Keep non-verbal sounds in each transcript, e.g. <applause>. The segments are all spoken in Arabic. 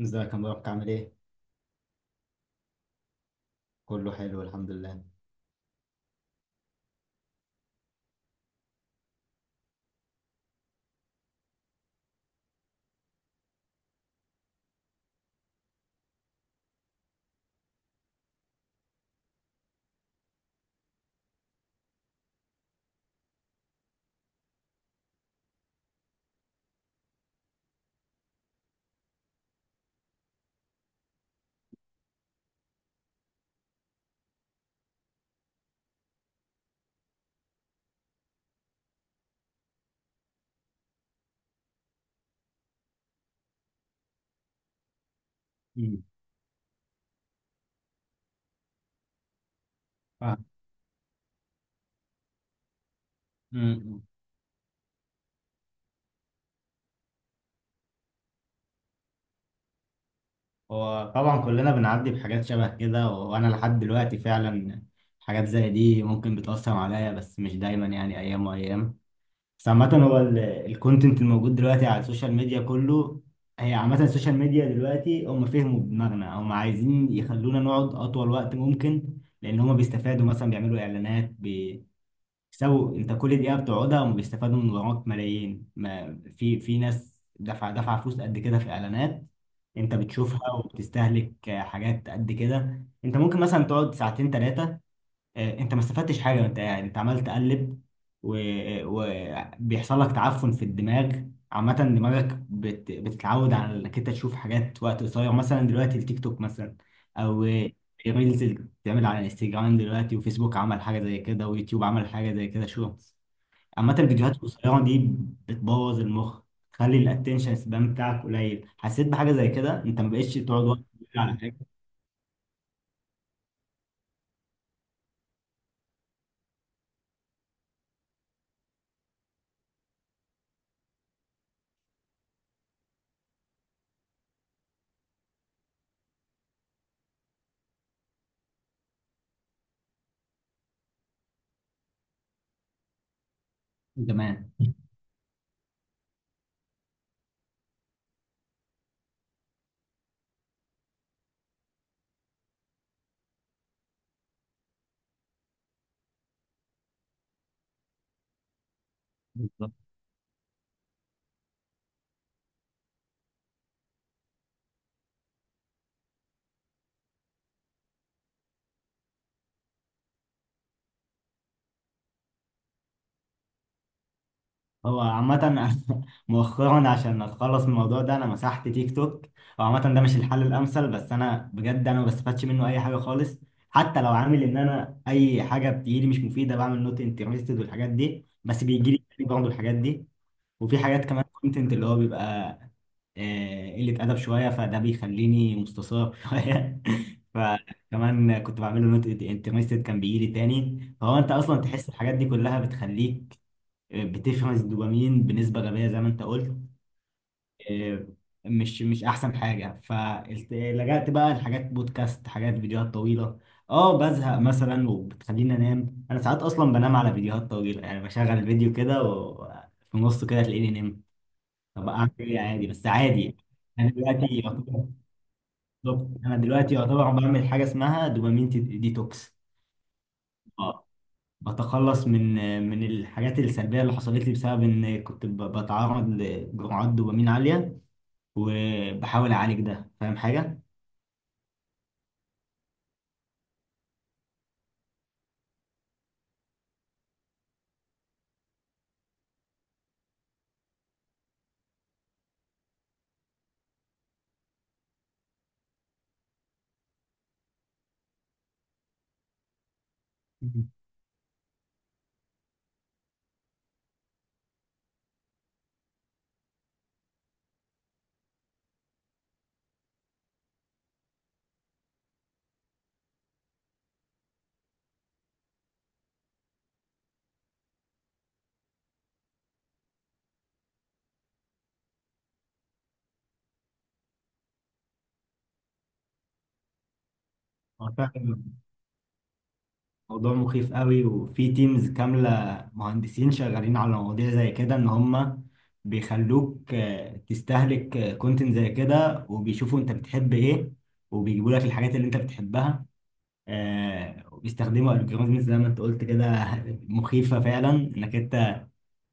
ازيك يا مبارك عامل ايه؟ كله حلو الحمد لله. مم. آه. مم. هو طبعا كلنا بنعدي بحاجات شبه كده وانا لحد دلوقتي فعلا حاجات زي دي ممكن بتأثر عليا بس مش دايما يعني ايام وايام. بس عامة هو الكونتنت الموجود دلوقتي على السوشيال ميديا كله. هي عامة السوشيال ميديا دلوقتي هم فهموا دماغنا، هم عايزين يخلونا نقعد اطول وقت ممكن، لان هم بيستفادوا، مثلا بيعملوا اعلانات. سو انت كل دقيقه بتقعدها هم بيستفادوا من وراك ملايين، ما في ناس دفع فلوس قد كده في اعلانات انت بتشوفها وبتستهلك حاجات قد كده. انت ممكن مثلا تقعد ساعتين ثلاثه، انت ما استفدتش حاجه وانت قاعد، انت عمال تقلب وبيحصل لك تعفن في الدماغ. عامه دماغك بتتعود على انك انت تشوف حاجات وقت قصير، مثلا دلوقتي التيك توك مثلا، او ريلز اللي بتتعمل على انستجرام دلوقتي، وفيسبوك عمل حاجه زي كده، ويوتيوب عمل حاجه زي كده، شورتس. عامه الفيديوهات القصيره دي بتبوظ المخ، تخلي الاتنشن سبان بتاعك قليل. حسيت بحاجه زي كده؟ انت ما بقتش تقعد وقت كبير على حاجه زمان. هو عامة <laughs> مؤخرا عشان اتخلص من الموضوع ده انا مسحت تيك توك. هو عامة ده مش الحل الامثل، بس انا بجد انا ما بستفادش منه اي حاجة خالص. حتى لو عامل ان انا اي حاجة بتجيلي مش مفيدة بعمل نوت انترستد والحاجات دي، بس بيجيلي برضه الحاجات دي. وفي حاجات كمان، كونتنت اللي هو بيبقى قلة ادب شوية، فده بيخليني مستثار <laughs> شوية. فكمان كنت بعمله نوت انترستد كان بيجيلي تاني. فهو انت اصلا تحس الحاجات دي كلها بتخليك بتفرز الدوبامين بنسبة غبية زي ما انت قلت. آه، مش احسن حاجة، فلجأت بقى لحاجات بودكاست، حاجات فيديوهات طويلة. اه بزهق مثلا وبتخليني انام. انا ساعات اصلا بنام على فيديوهات طويلة، يعني بشغل فيديو كده وفي نصه كده تلاقيني نمت. طب اعمل ايه؟ عادي، بس عادي. انا دلوقتي يعتبر بالظبط. انا دلوقتي يعتبر بعمل حاجة اسمها دوبامين ديتوكس. آه. بتخلص من من الحاجات السلبية اللي حصلت لي بسبب إن كنت بتعرض لجرعات دوبامين عالية، وبحاول أعالج ده. فاهم حاجة؟ مم. هو فعلا موضوع مخيف قوي، وفي تيمز كاملة مهندسين شغالين على مواضيع زي كده. إن هما بيخلوك تستهلك كونتنت زي كده، وبيشوفوا أنت بتحب إيه وبيجيبوا لك الحاجات اللي أنت بتحبها. وبيستخدموا الجوريزمز زي ما أنت قلت كده. <laughs> مخيفة فعلا إنك،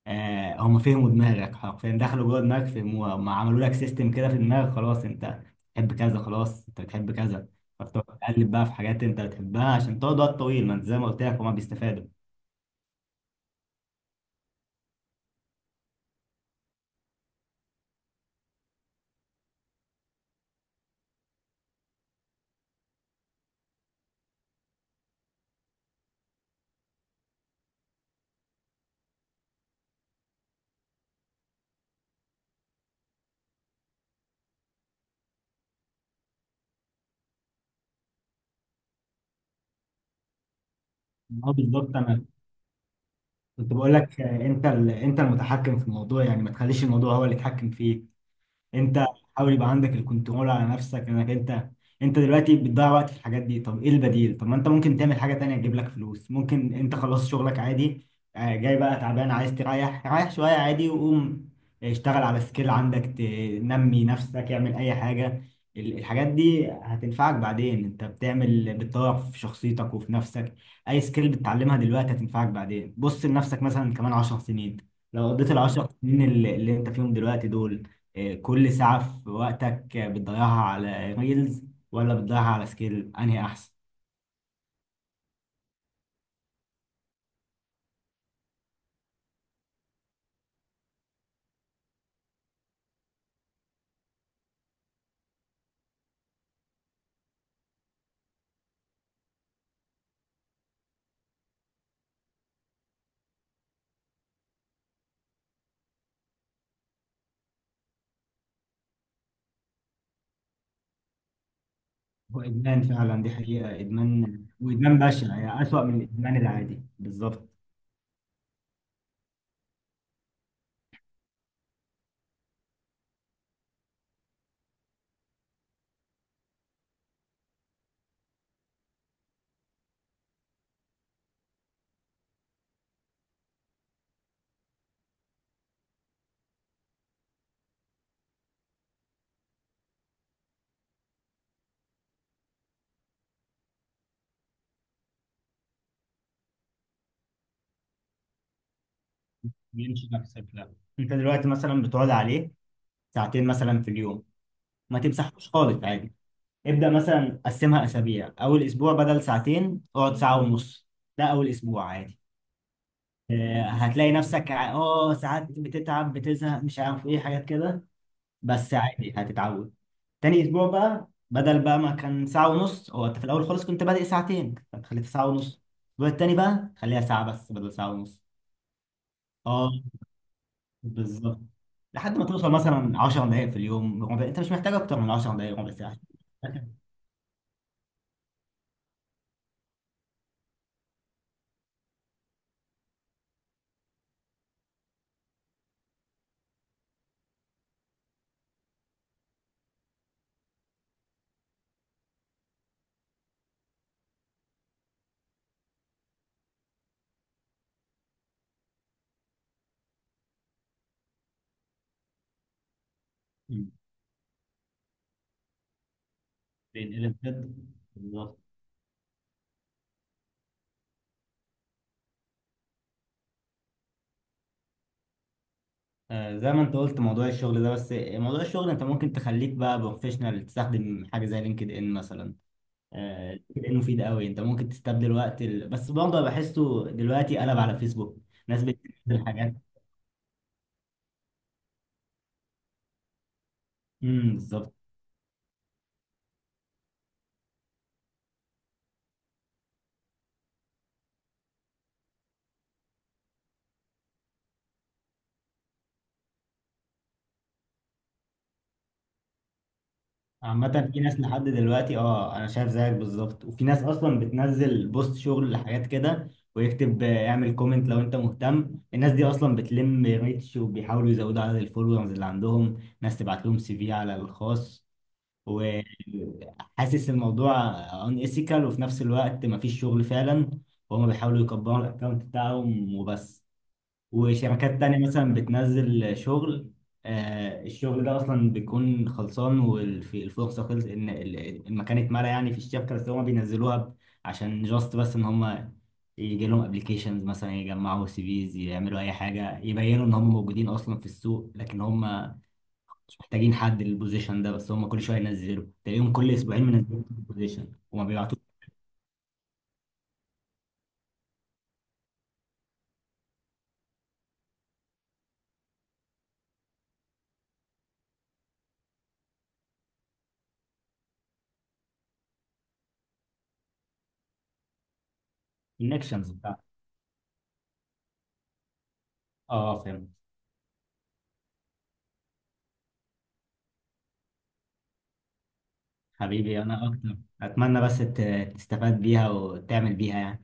هم فهموا دماغك حرفيا، دخلوا جوه دماغك فهموها. هم عملوا لك سيستم كده في دماغك، خلاص انت بتحب كذا، خلاص انت بتحب كذا، فبتقعد تقلب بقى في حاجات انت بتحبها عشان تقعد وقت طويل. ما انت زي ما قلت لك هما بيستفادوا. اه بالظبط. انا كنت بقول لك انت المتحكم في الموضوع، يعني ما تخليش الموضوع هو اللي يتحكم فيك. انت حاول يبقى عندك الكنترول على نفسك. انك انت، انت دلوقتي بتضيع وقت في الحاجات دي. طب ايه البديل؟ طب ما انت ممكن تعمل حاجة تانية تجيب لك فلوس. ممكن انت خلاص شغلك عادي، جاي بقى تعبان عايز تريح، ريح شوية عادي، وقوم اشتغل على سكيل عندك، تنمي نفسك، اعمل اي حاجة. الحاجات دي هتنفعك بعدين. انت بتعمل بتطور في شخصيتك وفي نفسك. اي سكيل بتتعلمها دلوقتي هتنفعك بعدين. بص لنفسك مثلا كمان 10 سنين، لو قضيت ال 10 سنين اللي انت فيهم دلوقتي دول، كل ساعة في وقتك بتضيعها على ريلز ولا بتضيعها على سكيل، أنهي أحسن؟ هو إدمان فعلا، دي حقيقة إدمان، وإدمان بشع يعني أسوأ من الإدمان العادي بالظبط. بيمشي نفسك، لا. أنت دلوقتي مثلا بتقعد عليه ساعتين مثلا في اليوم، ما تمسحوش خالص عادي. ابدأ مثلا قسمها أسابيع، أول أسبوع بدل ساعتين اقعد ساعة ونص. ده أول أسبوع عادي. هتلاقي نفسك ساعات بتتعب بتزهق مش عارف ايه، حاجات كده، بس عادي هتتعود. تاني اسبوع بقى بدل بقى ما كان ساعة ونص، هو انت في الاول خالص كنت بادئ ساعتين فانت خليتها ساعة ونص، الاسبوع التاني بقى خليها ساعة بس بدل ساعة ونص. اه بالظبط. لحد ما توصل مثلا 10 دقايق في اليوم، ربع. انت مش محتاج اكتر من 10 دقايق، ربع ساعة. مم. بينقلب جد بالظبط. آه زي ما انت قلت موضوع الشغل ده، بس موضوع الشغل انت ممكن تخليك بقى بروفيشنال تستخدم حاجه زي لينكد ان مثلا. لينكد ان مفيد قوي، انت ممكن تستبدل وقت ال... بس برضه بحسه دلوقتي قلب على فيسبوك. ناس بتنزل حاجات. بالظبط. عامة في ناس لحد دلوقتي اه انا شايف زيك بالظبط، وفي ناس اصلا بتنزل بوست شغل لحاجات كده، ويكتب اعمل كومنت لو انت مهتم. الناس دي اصلا بتلم ريتش وبيحاولوا يزودوا عدد الفولورز اللي عندهم. ناس تبعت لهم سي في على الخاص، وحاسس الموضوع ان ايثيكال، وفي نفس الوقت مفيش شغل فعلا، وهم بيحاولوا يكبروا الاكونت بتاعهم وبس. وشركات تانية مثلا بتنزل شغل، الشغل ده اصلا بيكون خلصان والفرصة خلص ان المكان اتملى يعني في الشركة، بس هم بينزلوها عشان جاست بس ان هم يجي لهم ابلكيشنز، مثلا يجمعوا سي فيز، يعملوا اي حاجة يبينوا ان هم موجودين اصلا في السوق، لكن هم محتاجين حد للبوزيشن ده. بس هم كل شويه ينزلوا تلاقيهم كل اسبوعين منزلين البوزيشن وما بيبعتوش. الكونكشنز بتاعتك، اه فهمت. حبيبي انا اكتر، اتمنى بس تستفاد بيها وتعمل بيها يعني.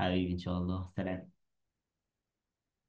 حبيبي ان شاء الله، سلام.